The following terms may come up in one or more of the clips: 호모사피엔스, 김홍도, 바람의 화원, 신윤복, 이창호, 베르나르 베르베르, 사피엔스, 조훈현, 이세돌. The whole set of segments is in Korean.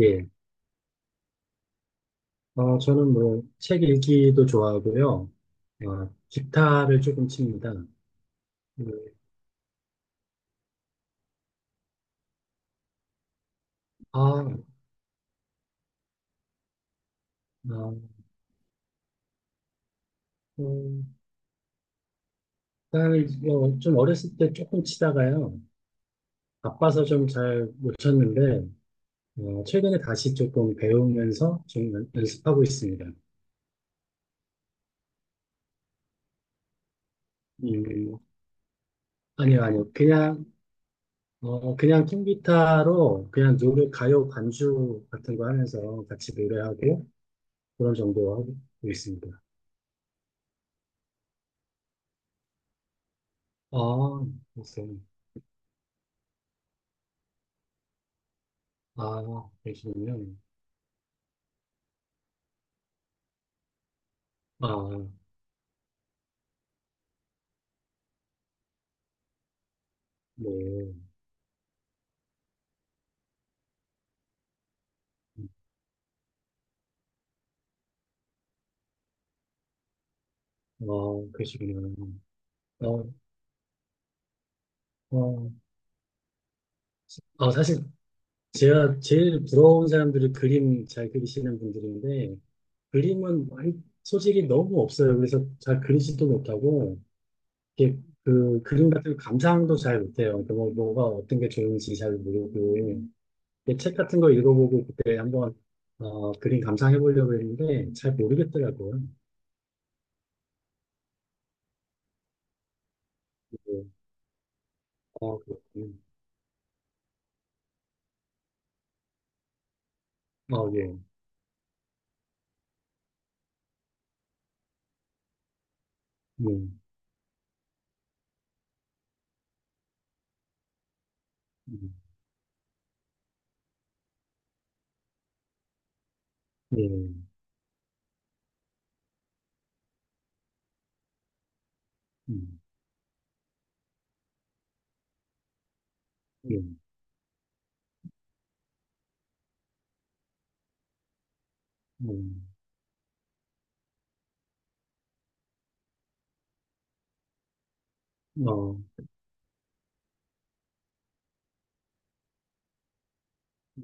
예. 저는 뭐, 책 읽기도 좋아하고요. 기타를 조금 칩니다. 예. 아, 아, 어, 음, 딱, 좀 어렸을 때 조금 치다가요. 바빠서 좀 잘 못 쳤는데, 최근에 다시 조금 배우면서 좀 연습하고 있습니다. 음, 아니요, 아니요. 그냥 통기타로 그냥 노래, 가요 반주 같은 거 하면서 같이 노래하고 그런 정도 하고 있습니다. 아, 글쎄요. 아, 그러시군요. 아, 네. 그러시군요. 어, 어, 사실 제가 제일 부러운 사람들이 그림 잘 그리시는 분들인데, 그림은 많이 소질이 너무 없어요. 그래서 잘 그리지도 못하고, 이게 그 그림 같은 거 감상도 잘 못해요. 그러니까 뭐, 뭐가 어떤 게 좋은지 잘 모르고, 이게 책 같은 거 읽어보고 그때 한번 그림 감상해 보려고 했는데, 잘 모르겠더라고요. 네. 그렇군요. 예. 네. 음. 예. 음. 예. 음. 음.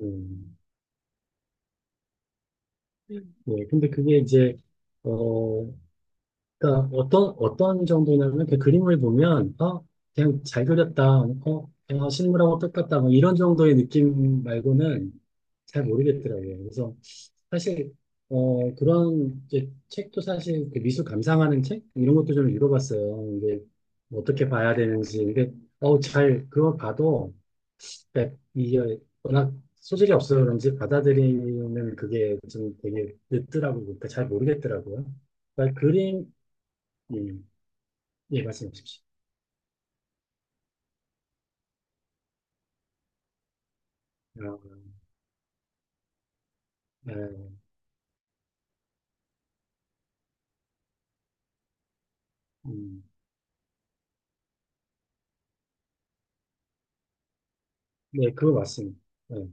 음. 음. 예, 근데 그게 이제, 어, 그러니까 어떤 정도냐면 그 그림을 보면, 그냥 잘 그렸다, 실물하고 똑같다, 뭐 이런 정도의 느낌 말고는 잘 모르겠더라고요. 그래서 사실, 그런 이제 책도 사실 그 미술 감상하는 책? 이런 것도 좀 읽어봤어요. 이게 어떻게 봐야 되는지. 근데, 그걸 봐도 그러니까 이게 워낙 소질이 없어서 그런지 받아들이는 그게 좀 되게 늦더라고요. 그러니까 잘 모르겠더라고요. 그러니까 그림, 음, 예, 말씀해 주십시오. 아, 네, 음, 네, 그거 맞습니다. 네.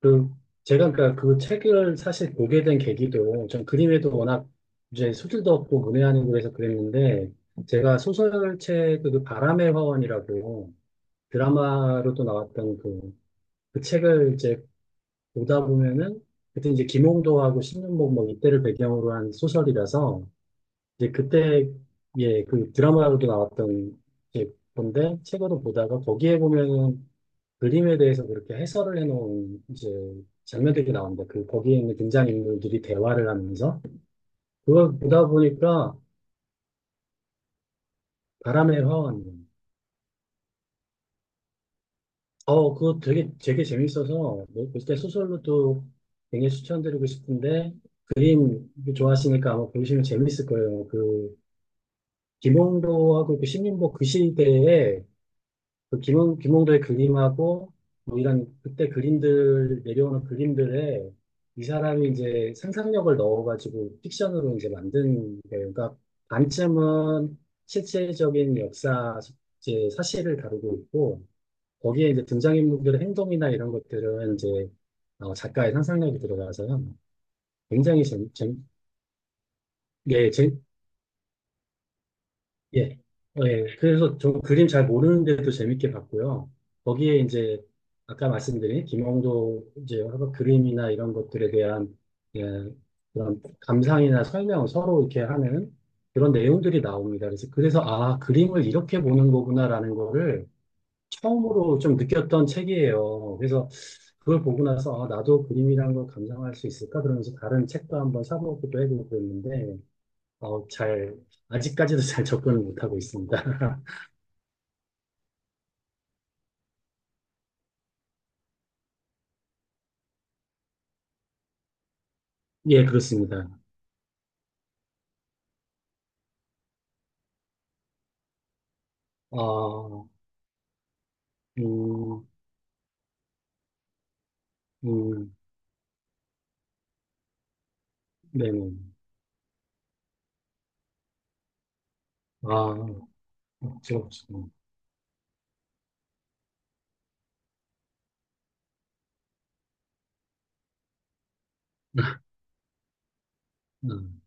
그, 제가 그러니까 그 책을 사실 보게 된 계기도 전 그림에도 워낙 이제 소질도 없고 문외한는고 그래서 그랬는데 제가 소설책 그 바람의 화원이라고 드라마로도 나왔던 그 책을 이제 보다 보면은 그때 이제 김홍도하고 신윤복 뭐 이때를 배경으로 한 소설이라서 이제 그때 예 그 드라마로도 나왔던 이제 건데 책으로 보다가 거기에 보면은 그림에 대해서 그렇게 해설을 해놓은 이제 장면들이 나옵니다. 그 거기에 있는 등장인물들이 대화를 하면서 그걸 보다 보니까 바람의 화원. 그거 되게 되게 재밌어서 뭐 그때 소설로도 굉장히 추천드리고 싶은데 그림 좋아하시니까 아마 보시면 재밌을 거예요. 그 김홍도하고 그 신림보 그 시대에 그 김홍, 김홍도의 그림하고 뭐 이런 그때 그림들 내려오는 그림들에 이 사람이 이제 상상력을 넣어가지고 픽션으로 이제 만든 거예요. 그러니까 반쯤은 실체적인 역사 이제 사실을 다루고 있고 거기에 이제 등장인물들의 행동이나 이런 것들은 이제 작가의 상상력이 들어가서요. 굉장히 재밌, 재. 예, 재, 예. 예. 그래서 저 그림 잘 모르는데도 재밌게 봤고요. 거기에 이제 아까 말씀드린 김홍도 이제 가 그림이나 이런 것들에 대한 예, 그런 감상이나 설명을 서로 이렇게 하는 그런 내용들이 나옵니다. 그래서 아, 그림을 이렇게 보는 거구나라는 거를 처음으로 좀 느꼈던 책이에요. 그래서 그걸 보고 나서 아, 나도 그림이란 걸 감상할 수 있을까? 그러면서 다른 책도 한번 사보기도 해보고 그랬는데 어, 잘, 아직까지도 잘 접근을 못하고 있습니다. 예, 그렇습니다. 아, 음, 음, 네네. 아, 저, 지, 음,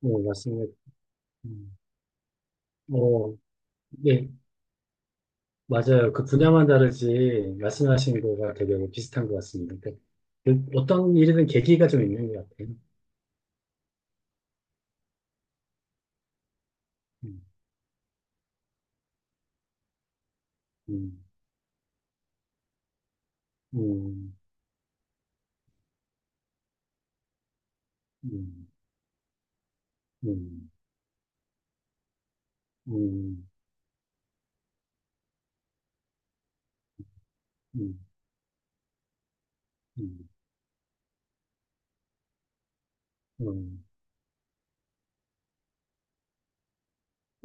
네, 맞습니다. 음, 어, 네, 맞아요. 그 분야만 다르지, 말씀하신 거가 되게 비슷한 것 같습니다. 그 어떤 일이든 계기가 좀 있는 것 같아요. 음, 음, 음, 음, 음, 음, 음, 음, 음. 음.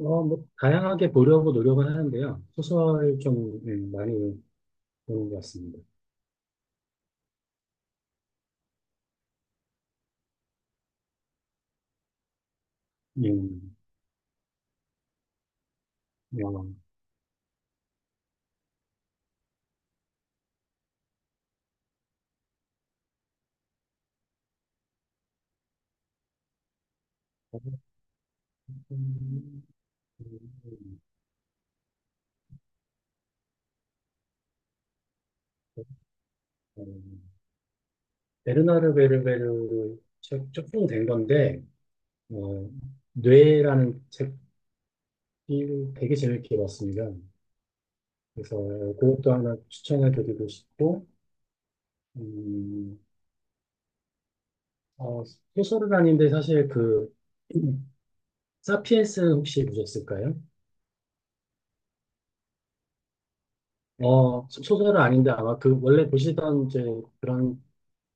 뭐, 다양하게 보려고 노력은 하는데요. 소설 좀 많이 보는 것 같습니다. 음, 어, 음, 음, 베르나르 베르베르 책 조금 된 건데, 어, 뇌라는 책이 되게 재밌게 봤습니다. 그래서 그것도 하나 추천해 드리고 싶고, 음, 어, 소설은 아닌데 사실 음, 사피엔스 혹시 보셨을까요? 소설은 아닌데 아마 그 원래 보시던 이제 그런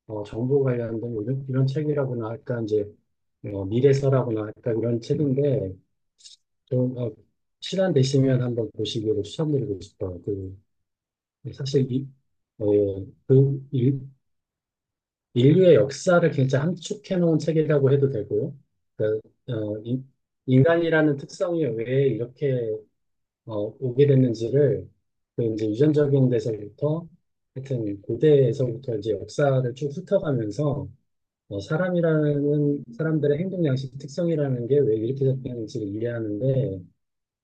정보 관련된 이런 책이라고나 할까 이제 미래서라고나 할까 이런 책인데 좀 시간 되시면 한번 보시기를 추천드리고 싶어요. 그 사실 어, 그 인류의 역사를 굉장히 함축해 놓은 책이라고 해도 되고요. 그, 어, 인- 인간이라는 특성이 왜 이렇게 오게 됐는지를 그 이제 유전적인 데서부터 하여튼 고대에서부터 이제 역사를 쭉 훑어가면서 사람이라는 사람들의 행동 양식 특성이라는 게 왜 이렇게 됐는지를 이해하는데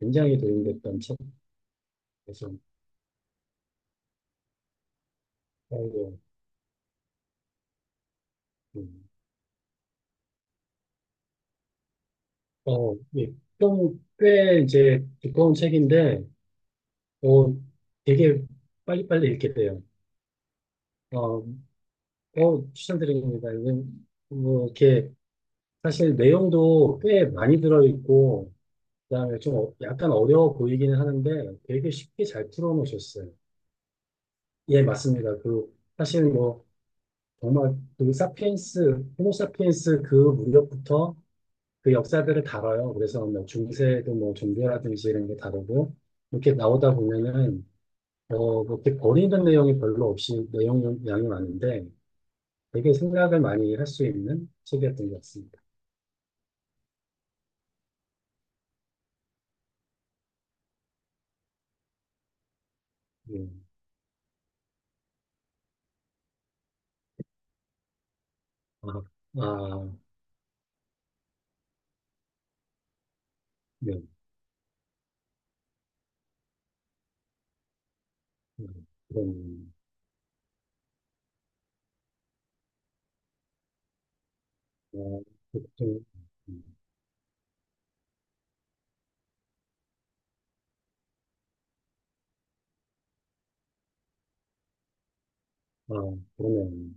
굉장히 도움이 됐던 책에서 어, 이 음, 예. 좀꽤 이제 두꺼운 책인데 어, 되게 빨리빨리 읽게 돼요. 어, 추천드립니다. 이건 뭐 이렇게 사실 내용도 꽤 많이 들어있고 그다음에 좀 약간 어려워 보이기는 하는데 되게 쉽게 잘 풀어놓으셨어요. 예, 맞습니다. 그 사실 뭐 정말 그 사피엔스, 호모사피엔스 그 무렵부터 그 역사들을 다뤄요. 그래서 뭐 중세도 뭐 종교라든지 이런 게 다르고 이렇게 나오다 보면은 그렇게 버리는 내용이 별로 없이 내용 양이 많은데 되게 생각을 많이 할 수 있는 책이었던 것 같습니다. 예. 아, 아, 네. 그런 어, 좀 아, 그러네요.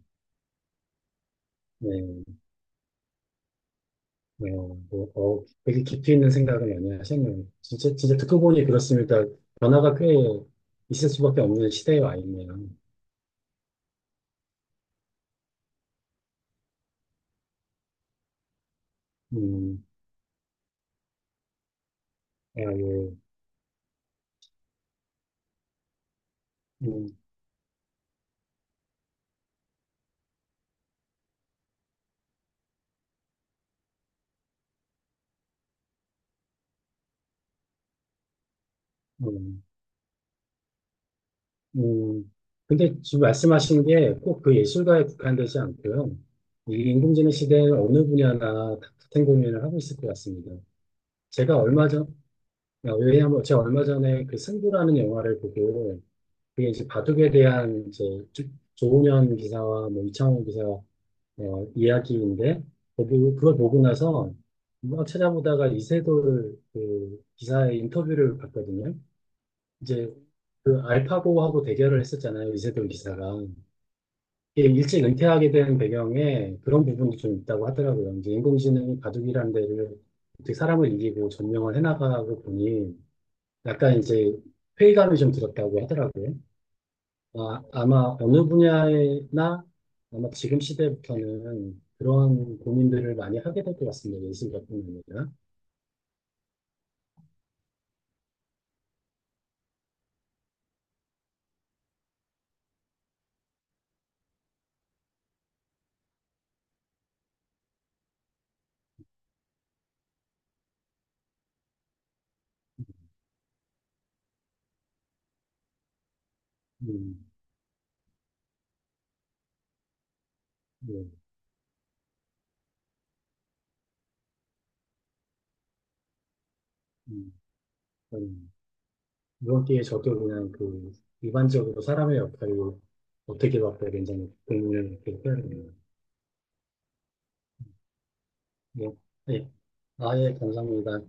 네, 네, 뭐, 되게 깊이 있는 생각을 많이 하셨네요. 진짜, 진짜 듣고 보니 그렇습니다. 변화가 꽤 있을 수밖에 없는 시대에 와 있네요. 음, 아, 예, 음, 음, 음. 근데 지금 말씀하신 게 꼭 그 예술가에 국한되지 않고요. 이 인공지능 시대에는 어느 분야나 다 같은 고민을 하고 있을 것 같습니다. 제가 얼마 전, 아, 왜냐하면 제가 얼마 전에 그 승부라는 영화를 보고 그게 이제 바둑에 대한 이제 조- 조훈현 기사와 뭐 이창호 기사 이야기인데 거기 그걸 보고 나서 막 찾아보다가 이세돌 그 기사의 인터뷰를 봤거든요. 이제 그 알파고하고 대결을 했었잖아요. 이세돌 기사가. 이게 일찍 은퇴하게 된 배경에 그런 부분도 좀 있다고 하더라고요. 이제 인공지능이 바둑이라는 데를 어떻게 사람을 이기고 점령을 해나가고 보니 약간 이제 회의감이 좀 들었다고 하더라고요. 아, 아마 어느 분야나 아마 지금 시대부터는 그러한 고민들을 많이 하게 될 것 같습니다. 예술가뿐 아니라. 음, 예, 음, 음. 이번 기회에 저도 그냥 그 일반적으로 사람의 역할을 어떻게 바꿔야 되는지 고민을 이렇게 해야 되네요. 예, 예. 아, 예, 감사합니다.